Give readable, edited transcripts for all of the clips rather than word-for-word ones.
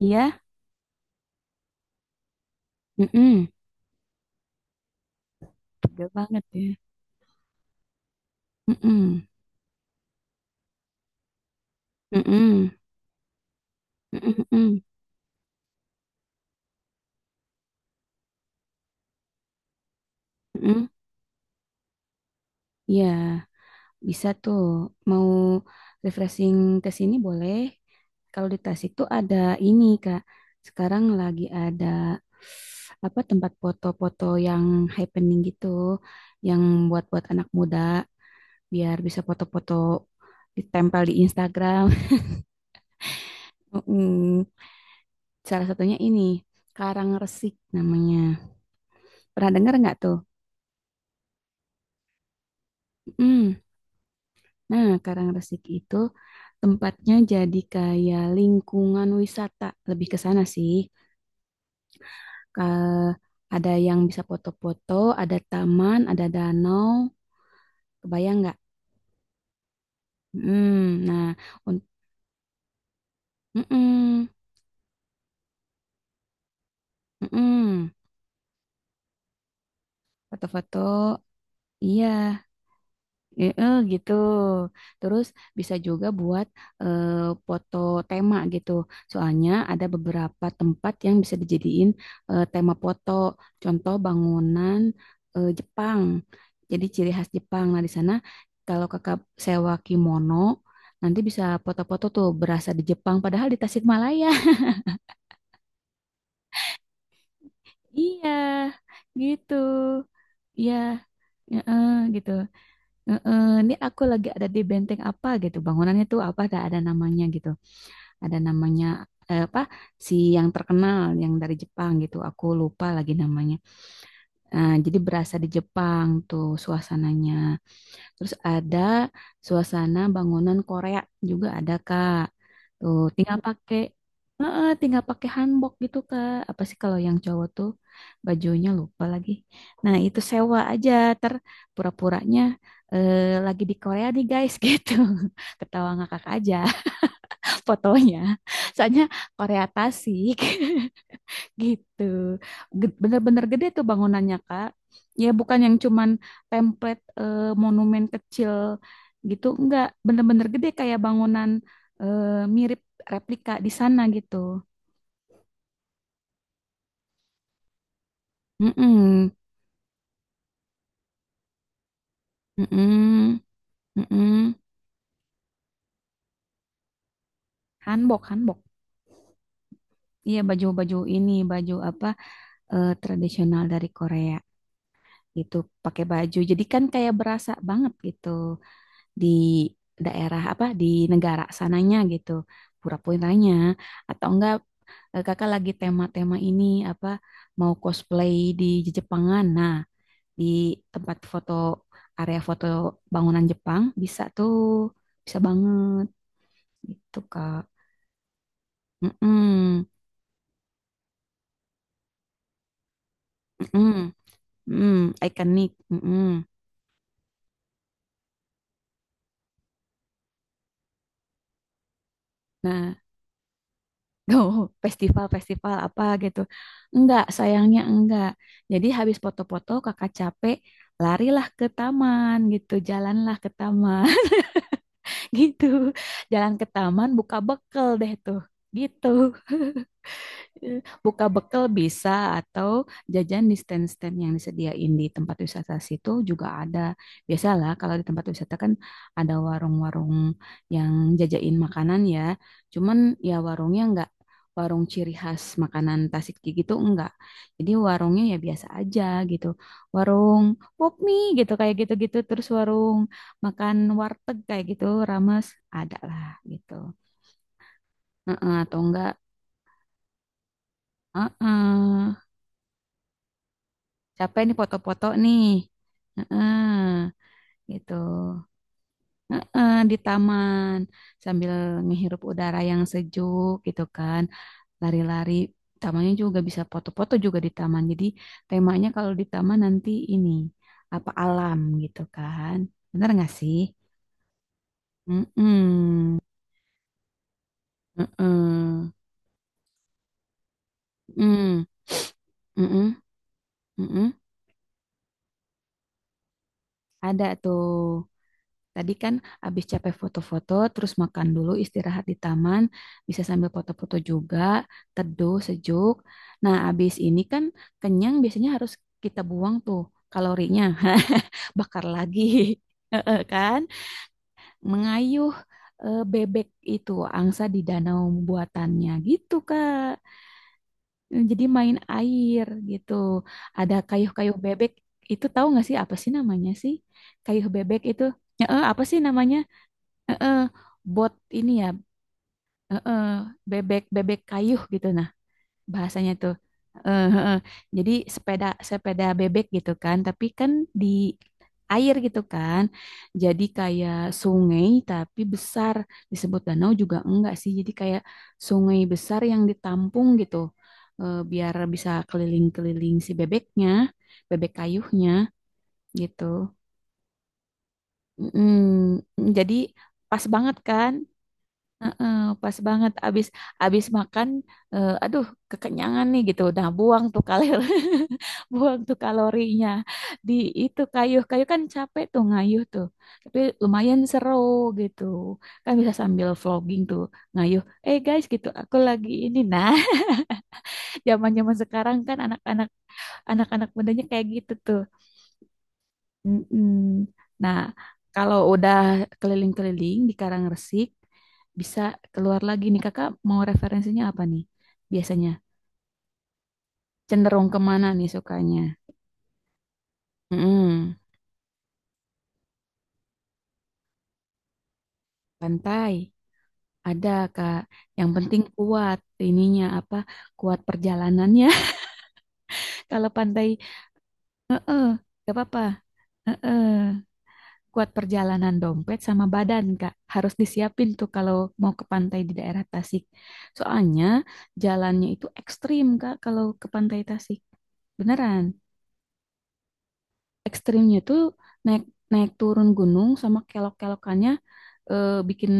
Iya, mm-mm. Tega banget ya. Mm-mm. Mm-mm. Mm-mm. Mm-mm. Mm-mm. Iya, bisa tuh. Mau refreshing ke sini boleh. Kalau di Tasik tuh ada ini, Kak. Sekarang lagi ada apa tempat foto-foto yang happening gitu, yang buat-buat anak muda biar bisa foto-foto ditempel di Instagram. Mm-mm. Salah satunya ini, Karang Resik namanya. Pernah dengar nggak tuh? Mm. Nah, Karangrasik itu tempatnya jadi kayak lingkungan wisata, lebih ke sana sih. Ke, ada yang bisa foto-foto, ada taman, ada danau, kebayang nggak? Mm, nah, un- mm-mm, mm-mm. Foto-foto, iya. Eh, eh, gitu. Terus bisa juga buat eh, foto tema gitu. Soalnya ada beberapa tempat yang bisa dijadiin tema foto. Contoh bangunan Jepang. Jadi ciri khas Jepang. Nah, di sana kalau kakak sewa kimono, nanti bisa foto-foto tuh berasa di Jepang. Padahal di Tasikmalaya. Iya, gitu. Iya, ya, eh, gitu. Heeh, ini aku lagi ada di benteng apa gitu, bangunannya tuh apa, ada namanya gitu ada namanya apa si yang terkenal yang dari Jepang gitu aku lupa lagi namanya. Nah, jadi berasa di Jepang tuh suasananya, terus ada suasana bangunan Korea juga ada Kak, tuh tinggal pakai. Heeh, tinggal pakai hanbok gitu Kak, apa sih kalau yang cowok tuh bajunya lupa lagi, nah itu sewa aja, ter pura-puranya lagi di Korea nih guys. Gitu, ketawa ngakak aja fotonya. Soalnya Korea Tasik. Gitu. Bener-bener gede tuh bangunannya, Kak. Ya bukan yang cuman template, monumen kecil gitu, enggak. Bener-bener gede kayak bangunan, eh, mirip replika di sana gitu. Mm-mm. Mm-mm. Mm-mm. Hanbok, hanbok. Iya baju-baju ini, baju apa, tradisional dari Korea gitu, pakai baju. Jadi kan kayak berasa banget gitu di daerah apa, di negara sananya gitu, pura-puranya, atau enggak kakak lagi tema-tema ini, apa mau cosplay di Jepangan, nah di tempat foto, area foto bangunan Jepang bisa tuh, bisa banget gitu Kak. Mm -mm, mm -mm, ikonik. Mm-mm. Nah. Oh, festival-festival apa gitu. Enggak, sayangnya enggak. Jadi habis foto-foto kakak capek, larilah ke taman gitu. Jalanlah ke taman. Gitu. Jalan ke taman buka bekel deh tuh. Gitu. Eh, Buka bekal bisa, atau jajan di stand-stand yang disediain di tempat wisata situ juga ada. Biasalah kalau di tempat wisata kan ada warung-warung yang jajain makanan ya. Cuman ya warungnya nggak, warung ciri khas makanan Tasik gitu enggak. Jadi warungnya ya biasa aja gitu. Warung pop mie gitu, kayak gitu-gitu, terus warung makan warteg kayak gitu, rames, ada lah gitu. Heeh, atau enggak. Heeh. Capek nih foto-foto nih. Heeh, gitu. Heeh, di taman sambil ngehirup udara yang sejuk gitu kan. Lari-lari. Tamannya juga bisa foto-foto juga di taman. Jadi temanya kalau di taman nanti ini apa, alam gitu kan. Bener nggak sih? Mm-mm. Mm-mm. Mm-mm. Mm-mm. Mm-mm. Ada tuh. Tadi kan abis capek foto-foto, terus makan dulu, istirahat di taman, bisa sambil foto-foto juga, teduh, sejuk. Nah, abis ini kan kenyang biasanya harus kita buang tuh kalorinya, bakar lagi, kan? Mengayuh bebek itu, angsa di danau buatannya gitu, Kak. Jadi main air gitu. Ada kayuh-kayuh bebek itu, tahu nggak sih apa sih namanya sih? Kayuh bebek itu, ya, eh, apa sih namanya? Heeh, bot ini ya, heeh, bebek bebek kayu gitu, nah bahasanya tuh. Heeh, heeh. Jadi sepeda sepeda bebek gitu kan, tapi kan di air gitu kan. Jadi kayak sungai tapi besar, disebut danau juga enggak sih. Jadi kayak sungai besar yang ditampung gitu. Biar bisa keliling-keliling si bebeknya, bebek kayuhnya gitu. Mm, jadi pas banget kan? Heeh, pas banget abis abis makan, aduh kekenyangan nih gitu, udah buang tuh kalori, buang tuh kalorinya di itu kayuh kayu kan, capek tuh ngayuh tuh, tapi lumayan seru gitu kan, bisa sambil vlogging tuh ngayuh, guys, gitu aku lagi ini, nah zaman zaman sekarang kan anak-anak mudanya kayak gitu tuh. Mm-mm. Nah, kalau udah keliling-keliling di Resik bisa keluar lagi nih, kakak mau referensinya apa nih, biasanya cenderung kemana nih sukanya. Mm-mm. Pantai ada Kak, yang penting kuat ininya, apa kuat perjalanannya. Kalau pantai eh gak apa-apa. Heeh. Kuat perjalanan, dompet sama badan, Kak. Harus disiapin tuh kalau mau ke pantai di daerah Tasik. Soalnya jalannya itu ekstrim, Kak, kalau ke pantai Tasik. Beneran. Ekstrimnya tuh naik naik turun gunung sama kelok-kelokannya, bikin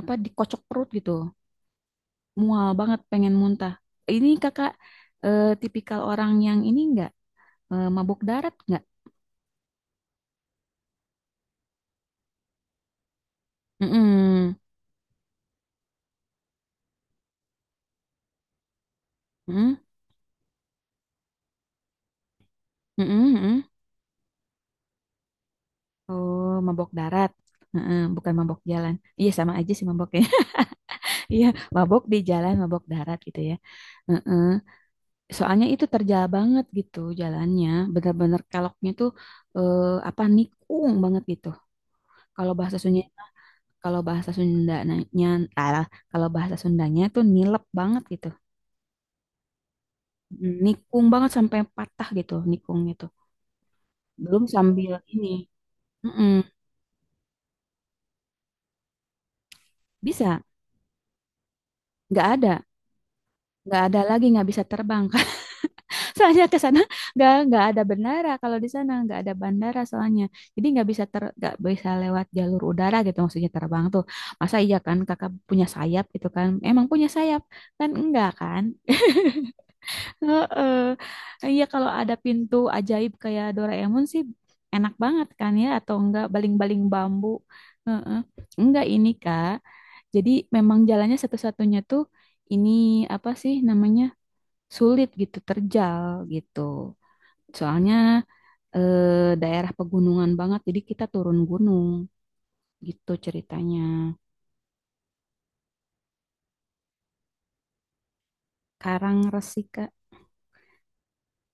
apa, dikocok perut gitu. Mual banget pengen muntah. Ini kakak tipikal orang yang ini enggak, mabuk darat enggak? Mm -mm. Mm. Oh, mabok darat. Heeh, bukan mabok jalan. Iya, sama aja sih maboknya. Iya, mabok di jalan, mabok darat gitu ya. Heeh. Soalnya itu terjal banget gitu jalannya. Bener-bener keloknya tuh, eh, apa nikung banget gitu. Kalau bahasa Sunda, kalau bahasa Sundanya, alah, kalau bahasa Sundanya tuh nilep banget gitu. Mm, nikung banget sampai patah gitu, nikung gitu. Belum sambil ini. Mm-mm. Bisa, nggak ada, nggak ada lagi, nggak bisa terbang. Soalnya ke sana nggak ada bandara, kalau di sana nggak ada bandara, soalnya jadi nggak bisa nggak bisa lewat jalur udara gitu, maksudnya terbang tuh, masa iya kan kakak punya sayap gitu kan, emang punya sayap kan enggak kan. Heeh. Iya kalau ada pintu ajaib kayak Doraemon sih enak banget kan ya, atau enggak baling-baling bambu. Heeh. Enggak ini Kak, jadi memang jalannya satu-satunya tuh ini, apa sih namanya, sulit gitu, terjal gitu. Soalnya daerah pegunungan banget, jadi kita turun gunung gitu ceritanya. Karang Resi, Kak.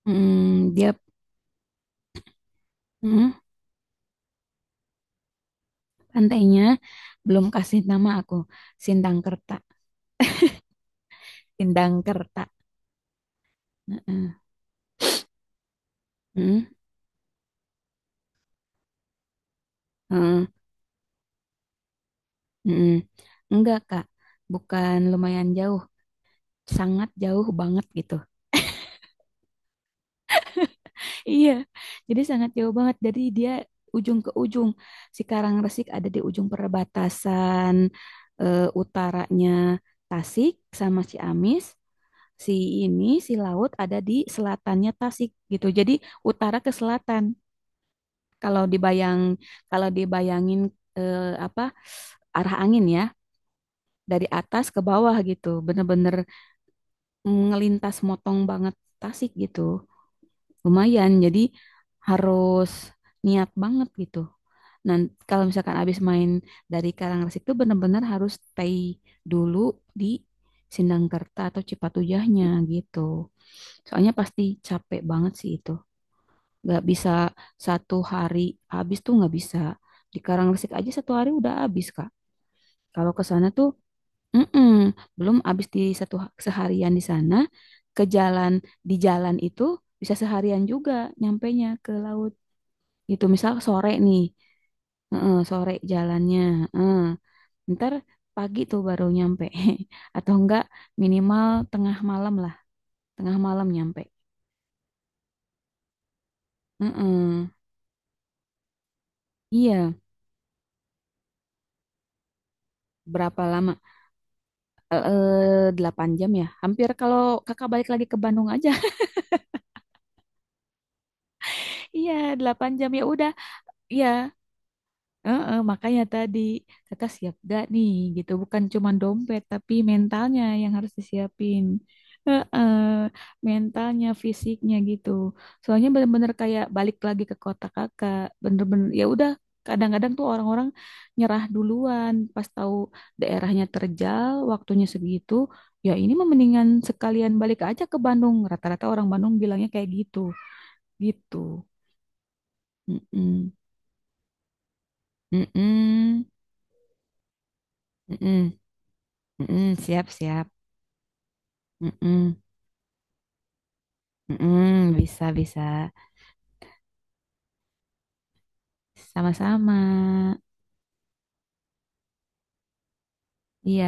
Mm, dia, mm, pantainya belum kasih nama aku, Sindangkerta. Sindangkerta. Heeh. Mm, heeh, mm. Enggak, Kak. Bukan lumayan jauh, sangat jauh banget gitu. Iya, jadi sangat jauh banget. Jadi dia ujung ke ujung. Si Resik ada di ujung perbatasan, utaranya Tasik sama Ciamis. Si ini, si laut ada di selatannya Tasik gitu. Jadi utara ke selatan. Kalau dibayang, kalau dibayangin, eh, apa arah angin ya, dari atas ke bawah gitu. Bener-bener, mm, ngelintas motong banget Tasik gitu. Lumayan, jadi harus niat banget gitu. Nah, kalau misalkan abis main dari Karangasem itu benar-benar harus stay dulu di Sindangkerta atau Cipatujahnya gitu, soalnya pasti capek banget sih itu. Gak bisa satu hari habis tuh, nggak bisa, di Karangasem aja satu hari udah habis Kak, kalau ke sana tuh. Mm-mm. Belum habis di satu seharian di sana, ke jalan, di jalan itu bisa seharian juga nyampainya ke laut gitu. Misal sore nih, heeh, sore jalannya. Heeh. Ntar pagi tuh baru nyampe, atau enggak minimal tengah malam lah, tengah malam nyampe. Heeh. Iya, berapa lama? 8 jam ya. Hampir kalau kakak balik lagi ke Bandung aja. Iya, 8 jam ya udah. Iya. Heeh, makanya tadi kakak siap gak nih gitu, bukan cuma dompet tapi mentalnya yang harus disiapin. Heeh, mentalnya, fisiknya gitu, soalnya bener-bener kayak balik lagi ke kota kakak, bener-bener ya udah. Kadang-kadang tuh orang-orang nyerah duluan pas tahu daerahnya terjal, waktunya segitu, ya ini mah mendingan sekalian balik aja ke Bandung, rata-rata orang Bandung bilangnya kayak gitu gitu. Mm-mm. Mm-mm. Mm-mm. Mm-mm, siap, siap. Mm-mm, mm-mm, bisa, bisa. Sama-sama. Iya.